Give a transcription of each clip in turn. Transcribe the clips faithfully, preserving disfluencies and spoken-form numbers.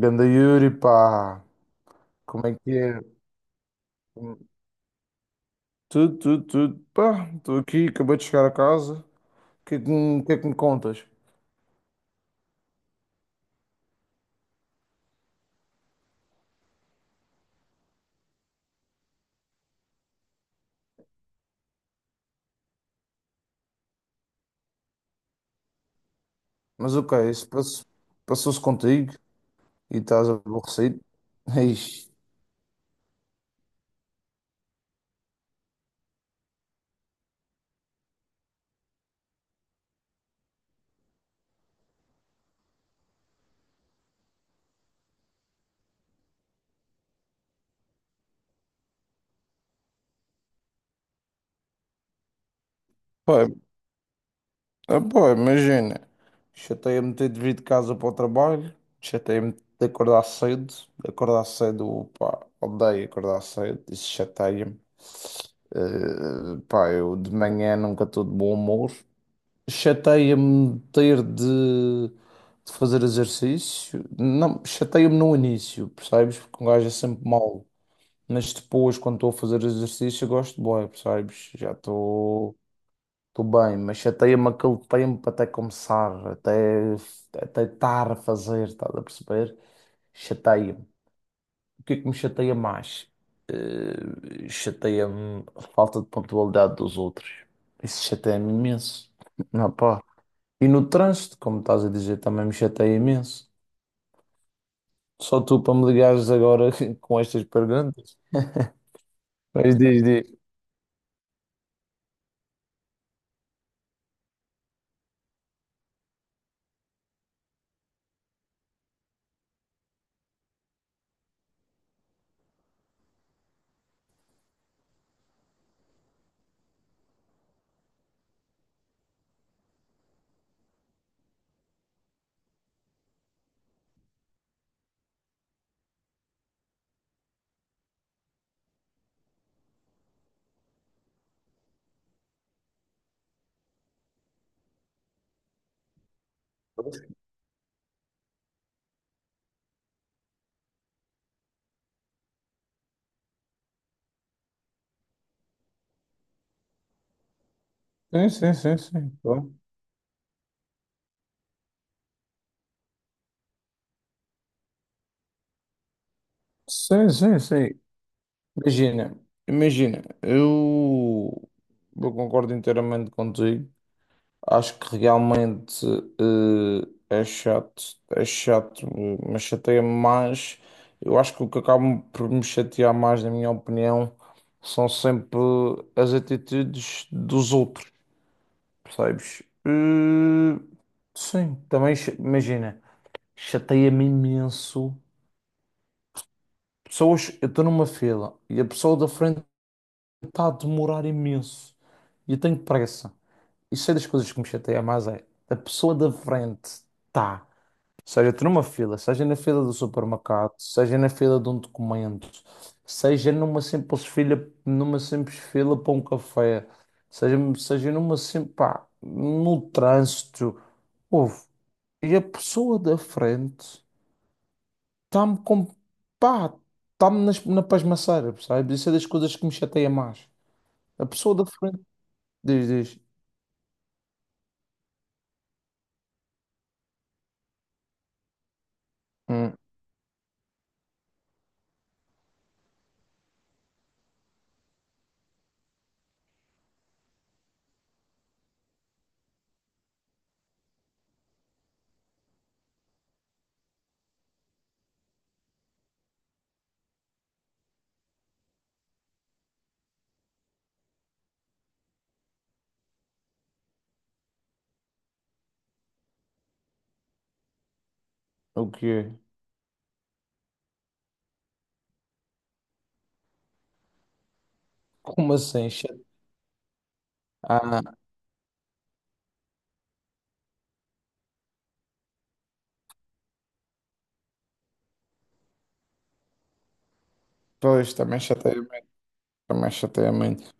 Ganda Yuri, pá, como é que é? Tudo, tudo, tudo, pá, estou aqui, acabei de chegar a casa, o que é que, me- o que é que me contas? Mas ok, isso passou- passou-se contigo e estás aborrecido? Ixi, pá, ah, pá, imagina, chateia-me ter de vir de casa para o trabalho, chateia-me de acordar cedo, acordar cedo, pá, odeio acordar cedo, isso chateia-me. Eh, pá, eu de manhã nunca estou de bom humor. Chateia-me ter de, de fazer exercício. Não, chateia-me no início, percebes? Porque um gajo é sempre mau. Mas depois, quando estou a fazer exercício, eu gosto de boa, percebes? Já estou estou bem, mas chateia-me aquele tempo até começar, até, até estar a fazer, estás a perceber? Chateia-me. O que é que me chateia mais? Eh, chateia-me a falta de pontualidade dos outros. Isso chateia-me imenso. Não, e no trânsito, como estás a dizer, também me chateia imenso. Só tu para me ligares agora com estas perguntas. Mas diz, diz. Sim, sim, sim, sim, claro. Sim, sim, sim. Imagina, imagina, eu, eu concordo inteiramente contigo. Acho que realmente eh, é chato, é chato, mas chateia-me mais. Eu acho que o que acaba por me chatear mais, na minha opinião, são sempre as atitudes dos outros. Percebes? Eh, sim, também cha- imagina, chateia-me imenso. Pessoas, eu estou numa fila e a pessoa da frente está a demorar imenso. E eu tenho pressa. Isso é das coisas que me chateia mais é a pessoa da frente está. Seja estou numa fila, seja na fila do supermercado, seja na fila de um documento, seja numa simples fila, numa simples fila para um café, seja, seja numa simples, pá, no trânsito. Ouve, e a pessoa da frente está-me com. Pá, está-me nas- na pasmaceira, percebes? Isso é das coisas que me chateia mais. A pessoa da frente diz, diz, hum, o quê? Como assim? chate- Ah, pois, também chateia muito, também chateia muito.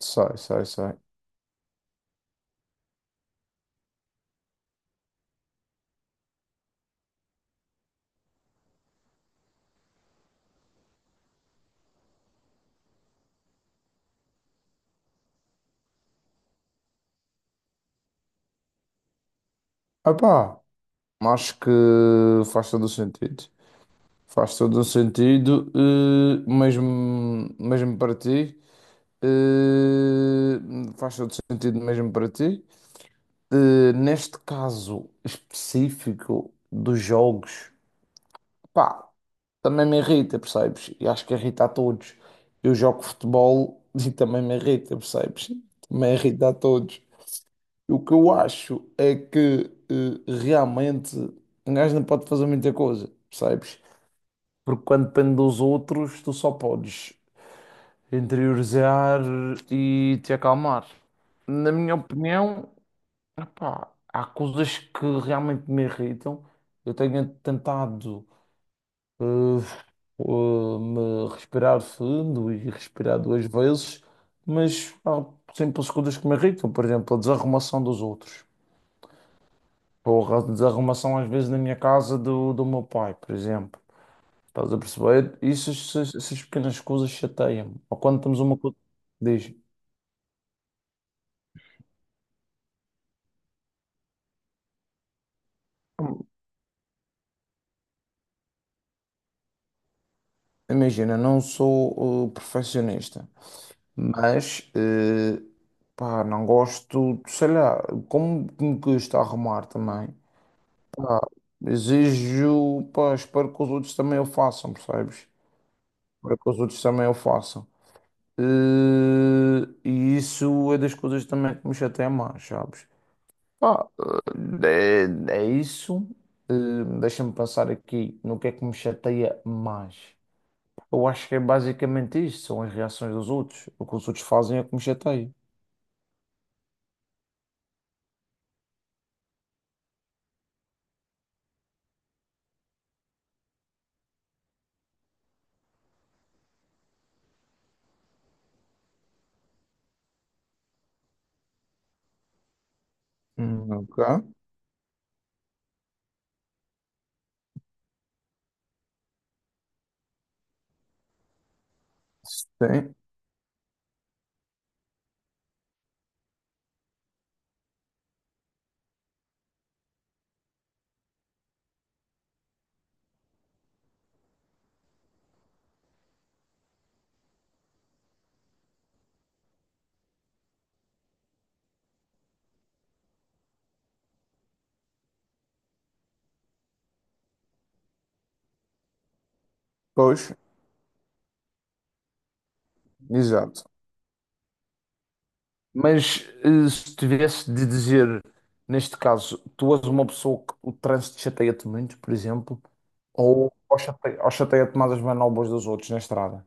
Sei, sei, sei. Ah pá, acho que faz todo o sentido. Faz todo o sentido, eh, mesmo, mesmo para ti. eh, faz todo sentido mesmo para ti. Eh, neste caso específico dos jogos, pá, também me irrita, percebes? E acho que irrita a todos. Eu jogo futebol e também me irrita, percebes? Também irrita a todos. O que eu acho é que eh, realmente um gajo não pode fazer muita coisa, percebes? Porque quando depende dos outros, tu só podes interiorizar e te acalmar. Na minha opinião, pá, há coisas que realmente me irritam. Eu tenho tentado eh, eh, me respirar fundo e respirar duas vezes, mas há simples coisas que me irritam. Por exemplo, a desarrumação dos outros. Porra, a desarrumação às vezes na minha casa do, do meu pai, por exemplo. Estás a perceber? Isso, essas, essas pequenas coisas chateiam-me. Ou quando temos uma coisa. Diz, imagina, não sou eh, perfeccionista. Mas, eh, pá, não gosto, sei lá, como me custa arrumar também. Pá, exijo, pá, espero que os outros também o façam, percebes? Espero que os outros também o façam. Eh, e isso é das coisas também que me chateia mais, sabes? Pá, eh, é, é isso. Eh, deixa-me pensar aqui no que é que me chateia mais. Eu acho que é basicamente isso, são as reações dos outros. O que os outros fazem é que me chateia. Hum, Ok? Sim, pois, exato. Mas eh, se tivesse de dizer, neste caso, tu és uma pessoa que o trânsito chateia-te muito, por exemplo, ou, ou chate- ou chateia-te mais as manobras dos outros na estrada.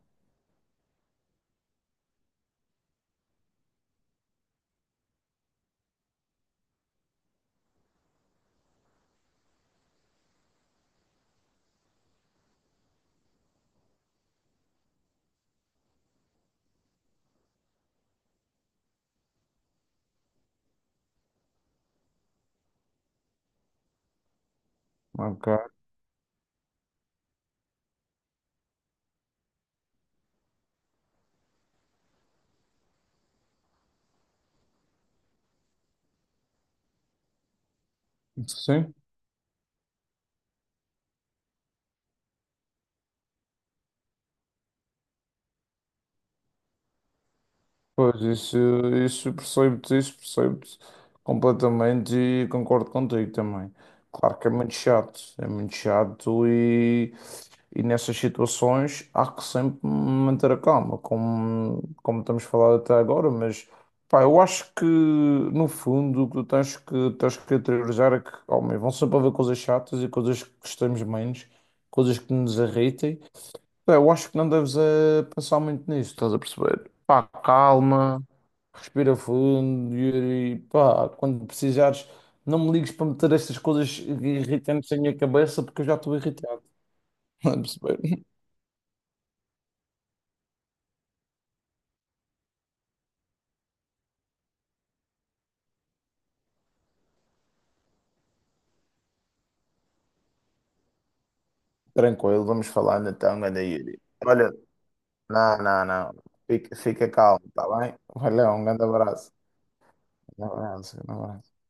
Ok. Sim, pois isso, isso percebo-te, isso percebo-te completamente e concordo contigo também. Claro que é muito chato, é muito chato e E nessas situações há que sempre manter a calma, como, como estamos falando até agora, mas pá, eu acho que no fundo o que tu tens que, tens que interiorizar é que, homem, vão sempre haver coisas chatas e coisas que gostamos menos, coisas que nos irritem. Pá, eu acho que não deves eh, pensar muito nisso, estás a perceber? Pá, calma, respira fundo e pá, quando precisares, não me ligues para meter estas coisas irritantes na minha cabeça porque eu já estou irritado, estás a perceber? Tranquilo, vamos falando então, ganda Yuri. Olha, não, não, não. Fica, fica calmo, tá bem? Olha, um grande abraço. Um abraço, um abraço.